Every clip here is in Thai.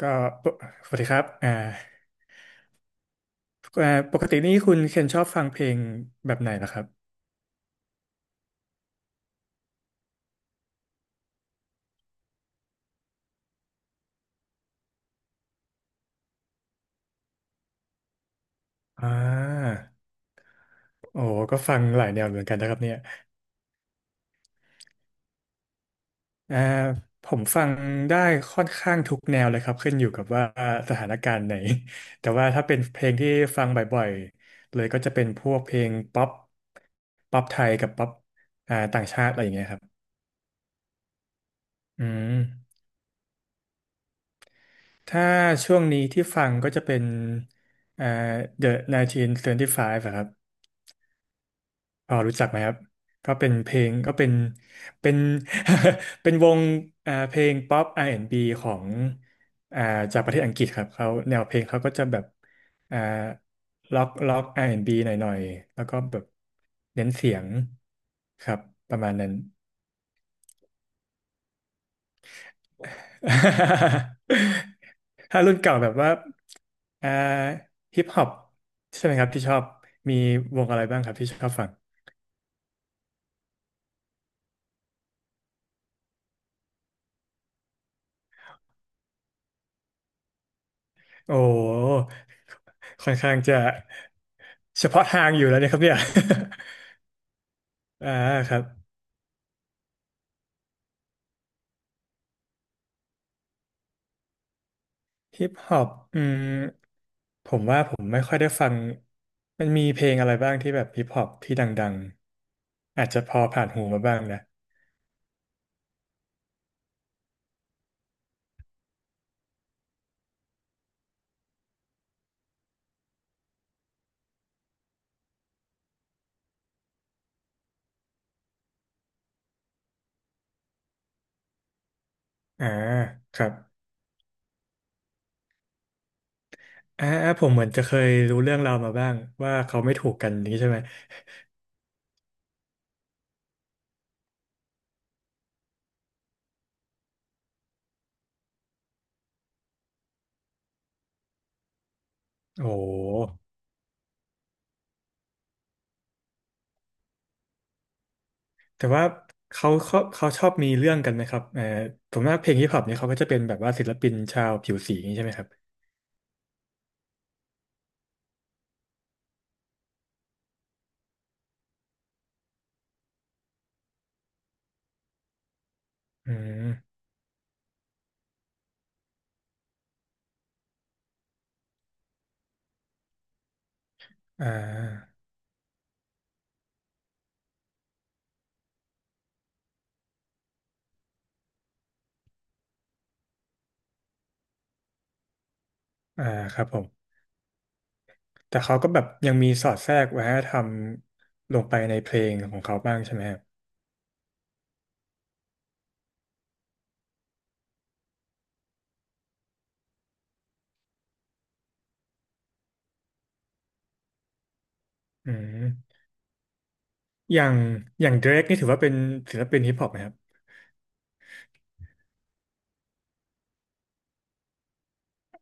ก็ปกสวัสดีครับปกตินี่คุณเคนชอบฟังเพลงแบบไหนล่ะครับอ่าโอ้ก็ฟังหลายแนวเหมือนกันนะครับเนี่ยอ่าผมฟังได้ค่อนข้างทุกแนวเลยครับขึ้นอยู่กับว่าสถานการณ์ไหน แต่ว่าถ้าเป็นเพลงที่ฟังบ่อยๆเลยก็จะเป็นพวกเพลงป๊อปป๊อปไทยกับป๊อปต่างชาติอะไรอย่างเงี้ยครับอืมถ้าช่วงนี้ที่ฟังก็จะเป็นอ่า The 1975อะครับ พอรู้จักไหมครับก็เป็นเพลงก็เป็น เป็นวงเพลงป๊อปอาร์แอนด์บ b ของอ่าจากประเทศอังกฤษครับเขาแนวเพลงเขาก็จะแบบอ่าล็อกอาร์แอนด์บ b หน่อยๆแล้วก็แบบเน้นเสียงครับประมาณนั้น ถ้ารุ่นเก่าแบบว่าอ่าฮิปฮอปใช่ไหมครับที่ชอบมีวงอะไรบ้างครับที่ชอบฟังโอ้ค่อนข้างจะ เฉพาะทางอยู่แล้วเนี่ยครับเนี่ย อ่าครับฮิปฮอปอืมผมว่าผมไม่ค่อยได้ฟังมันมีเพลงอะไรบ้างที่แบบฮิปฮอปที่ดังๆอาจจะพอผ่านหูมาบ้างนะอ่าครับผมเหมือนจะเคยรู้เรื่องราวมาบ้างว่าเขาไม่ถูกกันนี้ใช่ไหมโอ้โหแต่ว่าเขาชอบมีเรื่องกันไหมครับเออผมว่าเพลงฮิปฮอปเนี่ยเขาก็จะเป็นแบบว่าศิลปินชาวผิวสีอย่างนี้ใช่ไหมครับอืมอ่าอ่าครับผม แต่เขาก็แบบยังมีสอดแทรกวัฒนธรรมลงไปในเพลงของเขาบ้างใช่ไหมครับอืมอย่างอย่างเดรกนี่ถือว่าเป็นศิลปินฮิปฮอปไหมครับ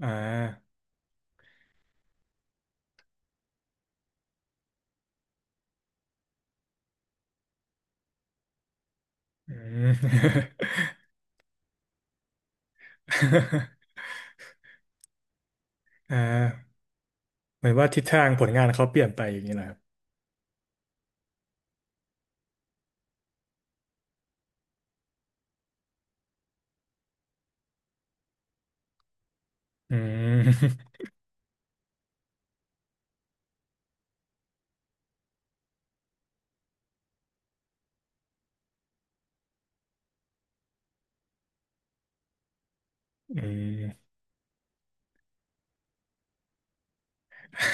อ่าอืม อ่าเหมือนว่าทิศทางผลงานเขาเปลี่ยนไปอย่างนี้นะครับอืม อืม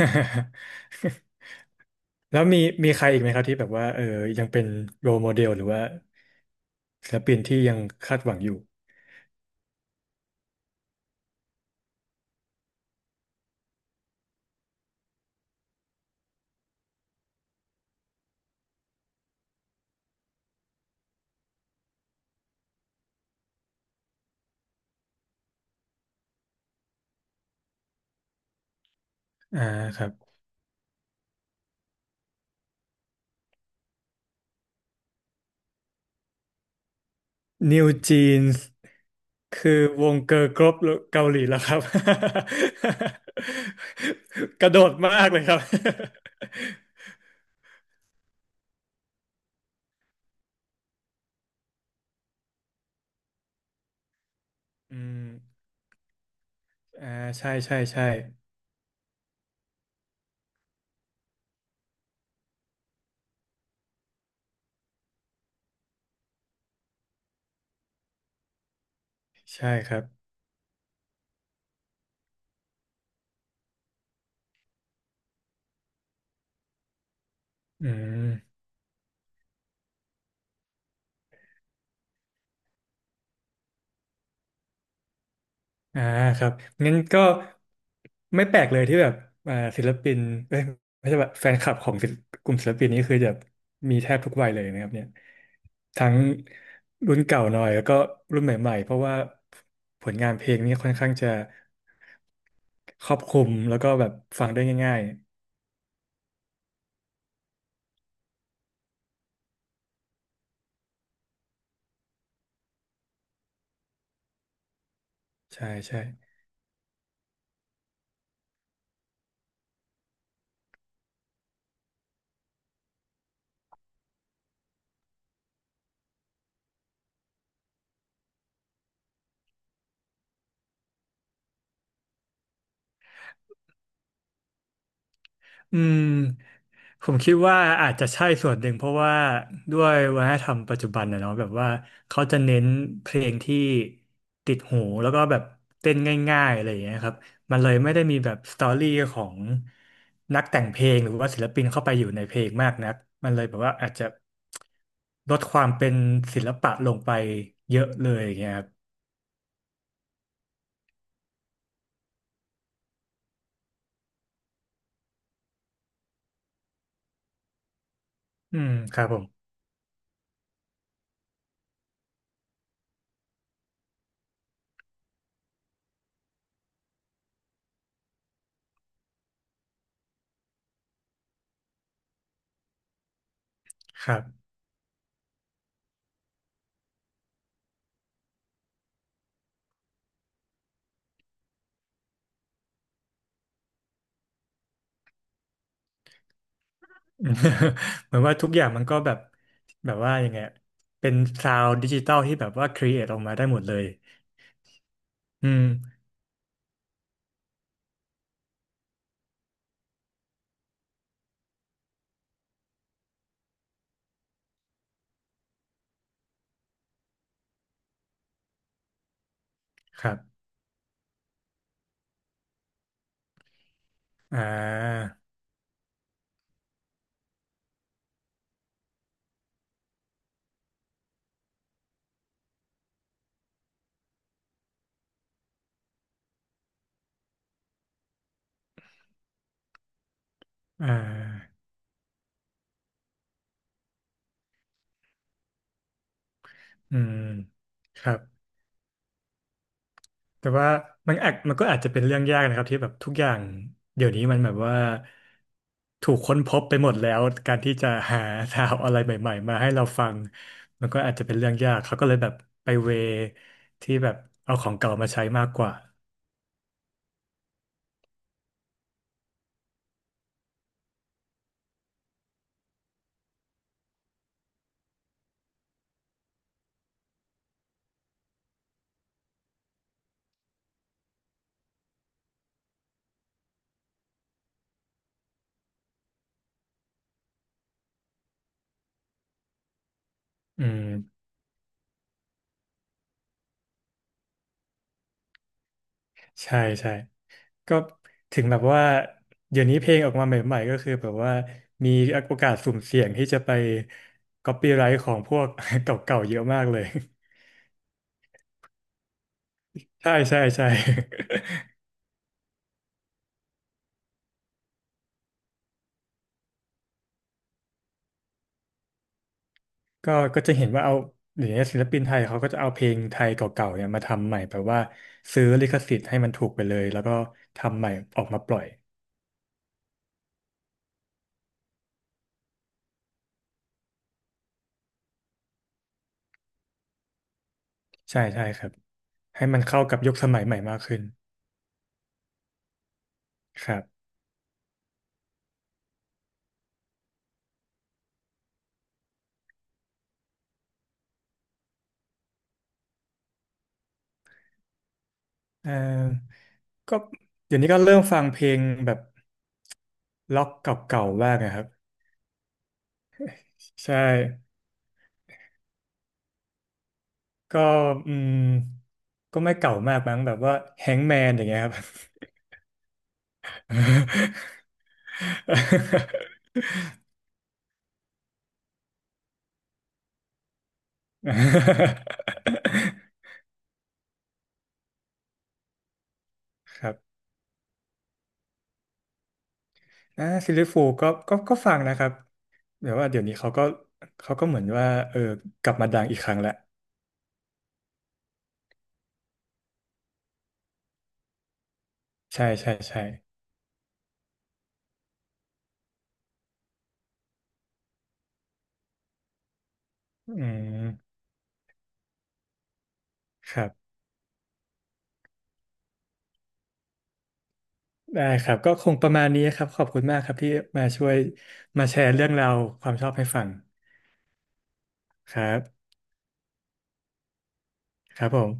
แล้วมีใครอีกไหมครับที่แบบว่ายังเป็นโร e โมเดลหรือว่าศิลปินที่ยังคาดหวังอยู่อ่าครับ New Jeans คือวงเกิร์ลกรุ๊ปเกาหลีแล้วครับ กระโดดมากเลยครับ อืมอ่าใช่ใช่ใช่ใช่ครับอืมอ่าครับงั้นก็ไม่แปลกเลยที่แบบศิลปินเอ้ยไม่ใช่แบบแฟนคลับของศิลปกลุ่มศิลปินนี้คือจะมีแทบทุกวัยเลยนะครับเนี่ย ทั้งรุ่นเก่าหน่อยแล้วก็รุ่นใหม่ๆ เพราะว่าผลงานเพลงนี่ค่อนข้างจะครอบคลุมแล้วก็แบบฟังได้ง่ายๆ ใช่ใช่ อืมผมคิดว่าอาจจะใช่ส่วนหนึ่งเพราะว่าด้วยวัฒนธรรมปัจจุบันนะเนาะแบบว่าเขาจะเน้นเพลงที่ติดหูแล้วก็แบบเต้นง่ายๆอะไรอย่างเงี้ยครับมันเลยไม่ได้มีแบบสตอรี่ของนักแต่งเพลงหรือว่าศิลปินเข้าไปอยู่ในเพลงมากนักมันเลยแบบว่าอาจจะลดความเป็นศิลปะลงไปเยอะเลยอย่างเงี้ยครับอืมครับผมครับ อืม เหมือนว่าทุกอย่างมันก็แบบแบบว่ายังไงอะเป็นซาวด์ดิจิตอลที่แบบว่าครีเอทออกมาได้หมดเลยอืมครับอ่าอ่าอืมครับแต่ว่ามันก็อาจจะเป็นเรื่องยากนะครับที่แบบทุกอย่างเดี๋ยวนี้มันแบบว่าถูกค้นพบไปหมดแล้วการที่จะหาซาวด์อะไรใหม่ๆมาให้เราฟังมันก็อาจจะเป็นเรื่องยากเขาก็เลยแบบไปเวที่แบบเอาของเก่ามาใช้มากกว่าอืมใช่ใช่ ก็ถึงแบบว่าเดี๋ยวนี้เพลงออกมาใหม่ๆก็คือแบบว่ามีโอกาสสุ่มเสี่ยงที่จะไปก๊อปปี้ไรท์ของพวก เก่าๆเยอะมากเลย ใช่ใช่ใช่ ก็จะเห็นว่าเอาเดี๋ยวนี้ศิลปินไทยเขาก็จะเอาเพลงไทยเก่าๆเนี่ยมาทำใหม่แบบว่าซื้อลิขสิทธิ์ให้มันถูกไปเลยแล้วก็ทำใหม่ออกมาปล่อยใช่ใช่ครับให้มันเข้ากับยุคสมัยใหม่มากขึ้นครับเอ่อก็เดี๋ยวนี้ก็เริ่มฟังเพลงแบบล็อกเก่าๆบ้างนะครับใช่ ก็อืมก็ไม่เก่ามากมั้งแบบว่าแฮงแมนอย่างเงี้ยครับ ครับซิลลี่ฟูลก็ฟังนะครับเดี๋ยวนี้เขาก็เหมือนว่ากลับมาดังอีกครั้งแล้วใช่ใช่ใช่อืมครับได้ครับก็คงประมาณนี้ครับขอบคุณมากครับที่มาช่วยมาแชร์เรื่องราวความชอบให้ฟังครับครับผม